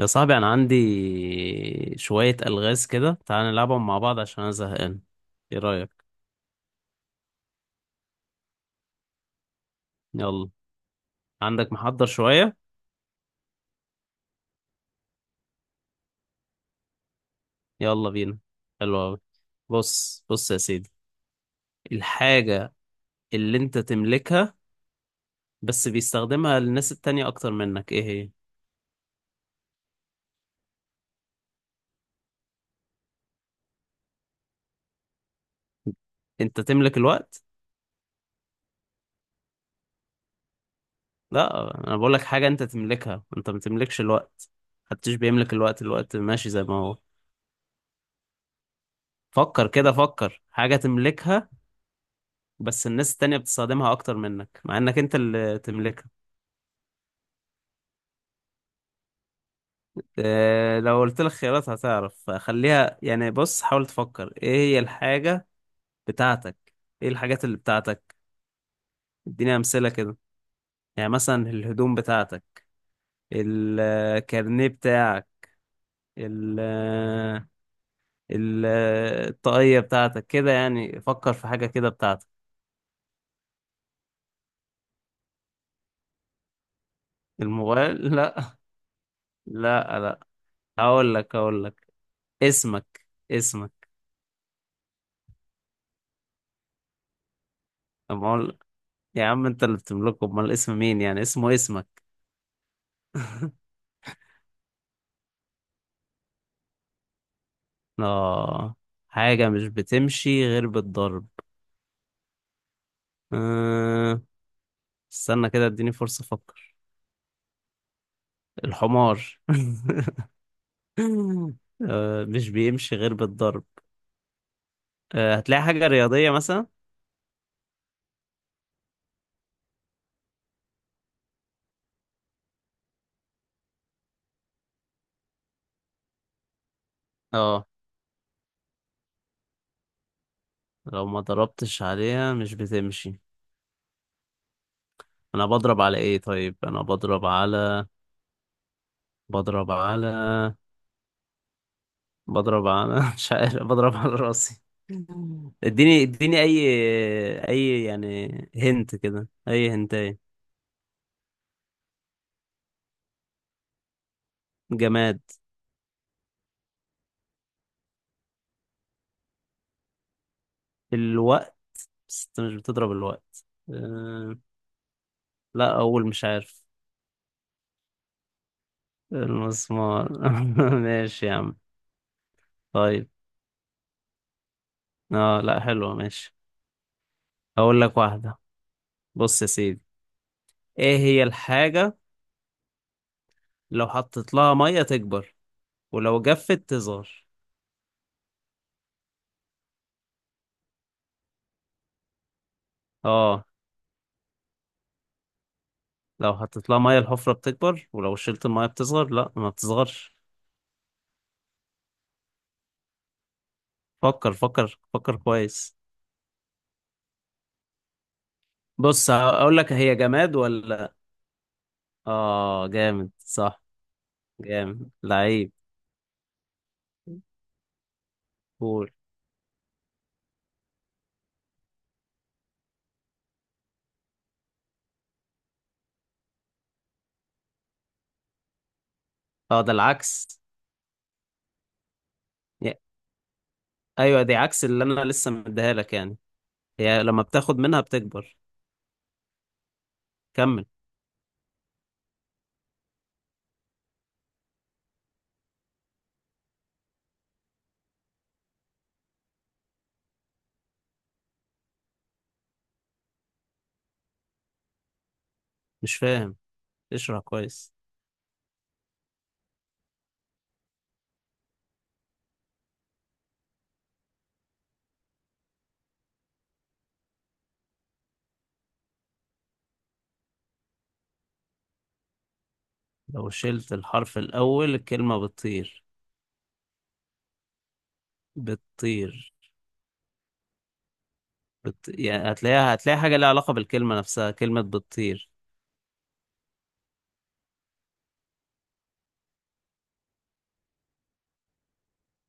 يا صاحبي انا عندي شوية الغاز كده، تعال نلعبهم مع بعض عشان انا زهقان. ايه رأيك؟ يلا عندك محضر شوية؟ يلا بينا. حلو أوي. بص يا سيدي، الحاجة اللي انت تملكها بس بيستخدمها الناس التانية اكتر منك، ايه هي؟ انت تملك الوقت؟ لا انا بقولك حاجة انت تملكها، انت ما تملكش الوقت. محدش بيملك الوقت، الوقت ماشي زي ما هو. فكر كده، فكر حاجة تملكها بس الناس التانية بتستخدمها أكتر منك مع إنك أنت اللي تملكها. لو قلت لك خيارات هتعرف، خليها يعني. بص حاول تفكر إيه هي الحاجة بتاعتك، إيه الحاجات اللي بتاعتك. اديني أمثلة كده، يعني مثلا الهدوم بتاعتك، الكارنيه بتاعك، ال ال- الطاقية بتاعتك كده، يعني فكر في حاجة كده بتاعتك. الموبايل؟ لا، لا. هقول لك. اسمك. اسمك. يا عم انت اللي بتملكه، امال اسم مين يعني اسمه اسمك؟ اه، حاجة مش بتمشي غير بالضرب. أه... استنى كده، اديني فرصة افكر. الحمار؟ مش بيمشي غير بالضرب. هتلاقي حاجة رياضية مثلا. اه، لو ما ضربتش عليها مش بتمشي. انا بضرب على ايه؟ طيب انا بضرب على، بضرب على بضرب انا مش عارف، بضرب على راسي؟ اديني اي، اي يعني؟ هنت كده، اي هنتايه؟ جماد. الوقت؟ بس انت مش بتضرب الوقت. لا اول مش عارف. المسمار؟ ماشي يا عم. طيب اه لا حلوة، ماشي. هقول لك واحدة. بص يا سيدي، ايه هي الحاجة لو حطيت لها مية تكبر، ولو جفت تصغر؟ اه، لو حطيت لها مية الحفرة بتكبر، ولو شلت المية بتصغر، لا ما بتصغرش. فكر فكر كويس. بص اقول لك، هي جماد ولا؟ اه جامد، صح. جامد لعيب. قول. اه ده العكس. يا- ايوه، دي عكس اللي انا لسه مديها لك يعني. هي لما بتاخد منها بتكبر. كمل. مش فاهم، اشرح كويس. لو شلت الحرف الاول الكلمه بتطير؟ بتطير، يعني هتلاقيها، هتلاقي حاجه ليها علاقه بالكلمه نفسها، كلمه بتطير.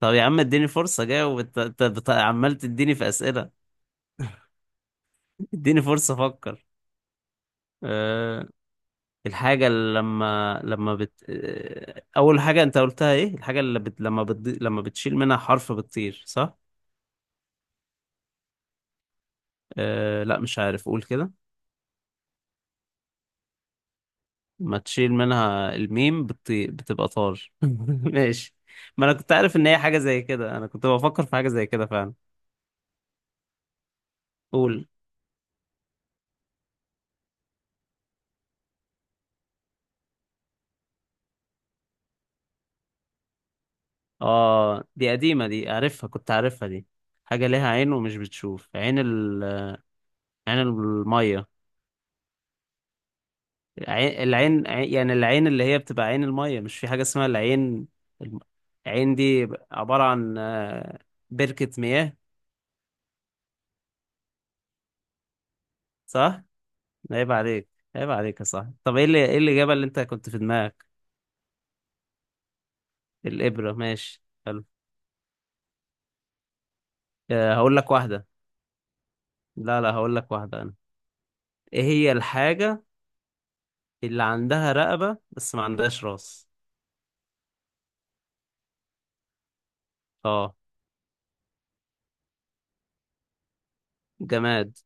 طب يا عم اديني فرصه جاوب، انت أنت عمال تديني في اسئله. اديني فرصه افكر. أه، الحاجة اللي لما بت أه أول حاجة أنت قلتها إيه؟ الحاجة اللي لما بتشيل منها حرف بتطير، صح؟ أه لا مش عارف، قول كده. ما تشيل منها الميم بتبقى طار. ماشي. ما أنا كنت عارف إن هي حاجة زي كده، أنا كنت بفكر في حاجة زي كده فعلا. قول. آه دي قديمة، دي عارفها، كنت عارفها دي. حاجة ليها عين ومش بتشوف، عين عين المية. العين يعني العين اللي هي بتبقى عين المية، مش في حاجة اسمها العين؟ الم- العين دي عبارة عن بركة مياه. صح؟ عيب عليك، عيب عليك يا صاحبي. طب ايه اللي، ايه الإجابة اللي انت كنت في دماغك؟ الإبرة، ماشي حلو. هقول لك واحدة. لا. هقول لك واحدة أنا. ايه هي الحاجة اللي عندها رقبة بس ما عندهاش راس؟ اه جماد.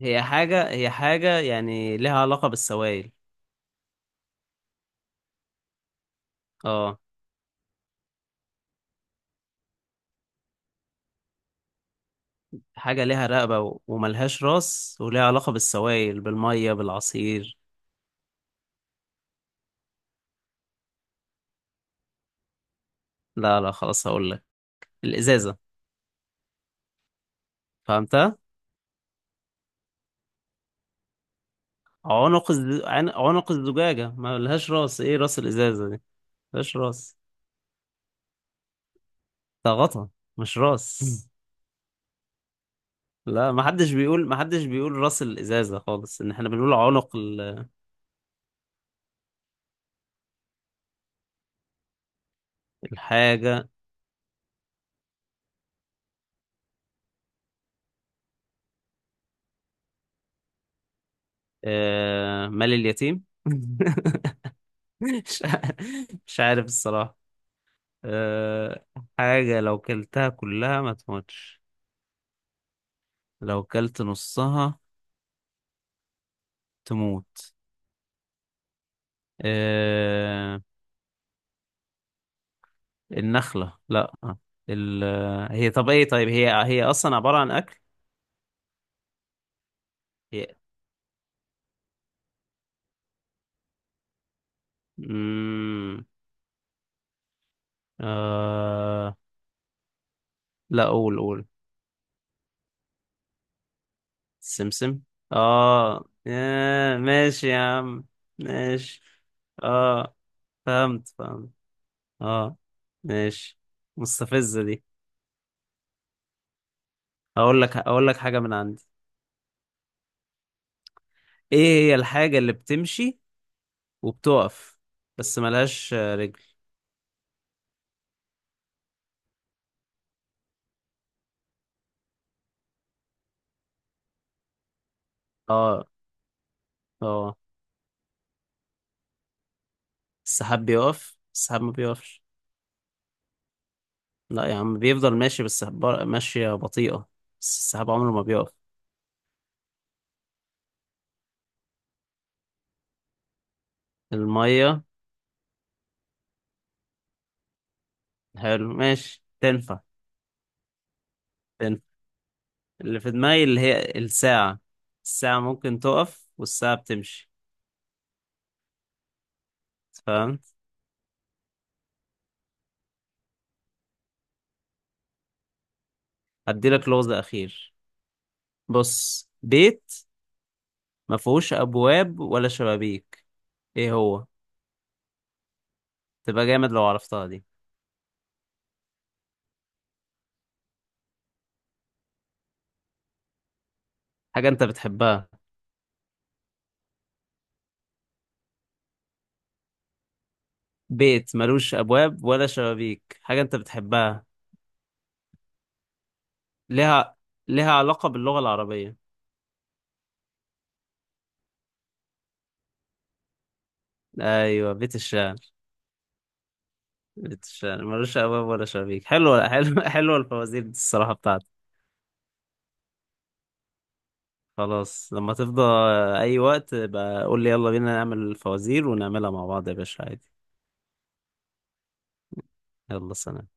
هي حاجة، يعني لها علاقة بالسوائل. اه، حاجة ليها رقبة وملهاش راس وليها علاقة بالسوائل، بالمية، بالعصير. لا. خلاص هقول لك. الإزازة، فهمتها؟ عنق عنق الزجاجة ملهاش راس، ايه راس الإزازة دي؟ ملهاش راس، ده غطا مش راس. لا، ما حدش بيقول راس الإزازة خالص، ان احنا بنقول عنق ال-. الحاجة، مال اليتيم. مش ع- مش عارف الصراحة. آه... حاجة لو كلتها كلها ما تموتش، لو كلت نصها تموت. آه... النخلة؟ لا. ال... هي طب ايه، طيب هي، اصلا عبارة عن اكل؟ هي مم... آه... لا قول، قول. سمسم؟ اه، آه ماشي يا عم. ماشي، اه. فهمت، اه ماشي. مستفزة دي. اقول لك حاجة من عندي. ايه هي الحاجة اللي بتمشي وبتقف بس ملهاش رجل؟ اه اه. السحاب بيقف؟ السحاب ما بيقفش. لا يا عم بيفضل ماشي بس ماشية بطيئة، بس السحاب عمره ما بيقف. المية؟ حلو ماشي، تنفع. تنفع. اللي في دماغي اللي هي الساعة، الساعة ممكن تقف والساعة بتمشي. فاهم. هديلك لغز أخير. بص، بيت ما فيهوش أبواب ولا شبابيك، ايه هو؟ تبقى جامد لو عرفتها دي. حاجة انت بتحبها. بيت ملوش أبواب ولا شبابيك، حاجة انت بتحبها، لها، لها علاقة باللغة العربية. أيوة، بيت الشعر. بيت الشعر ملوش أبواب ولا شبابيك، حلوة، حلوة. حلوة الفوازير دي الصراحة بتاعتي. خلاص لما تفضى. أي وقت بقى قول لي يلا بينا نعمل الفوازير ونعملها مع بعض يا باشا، عادي. يلا، سلام.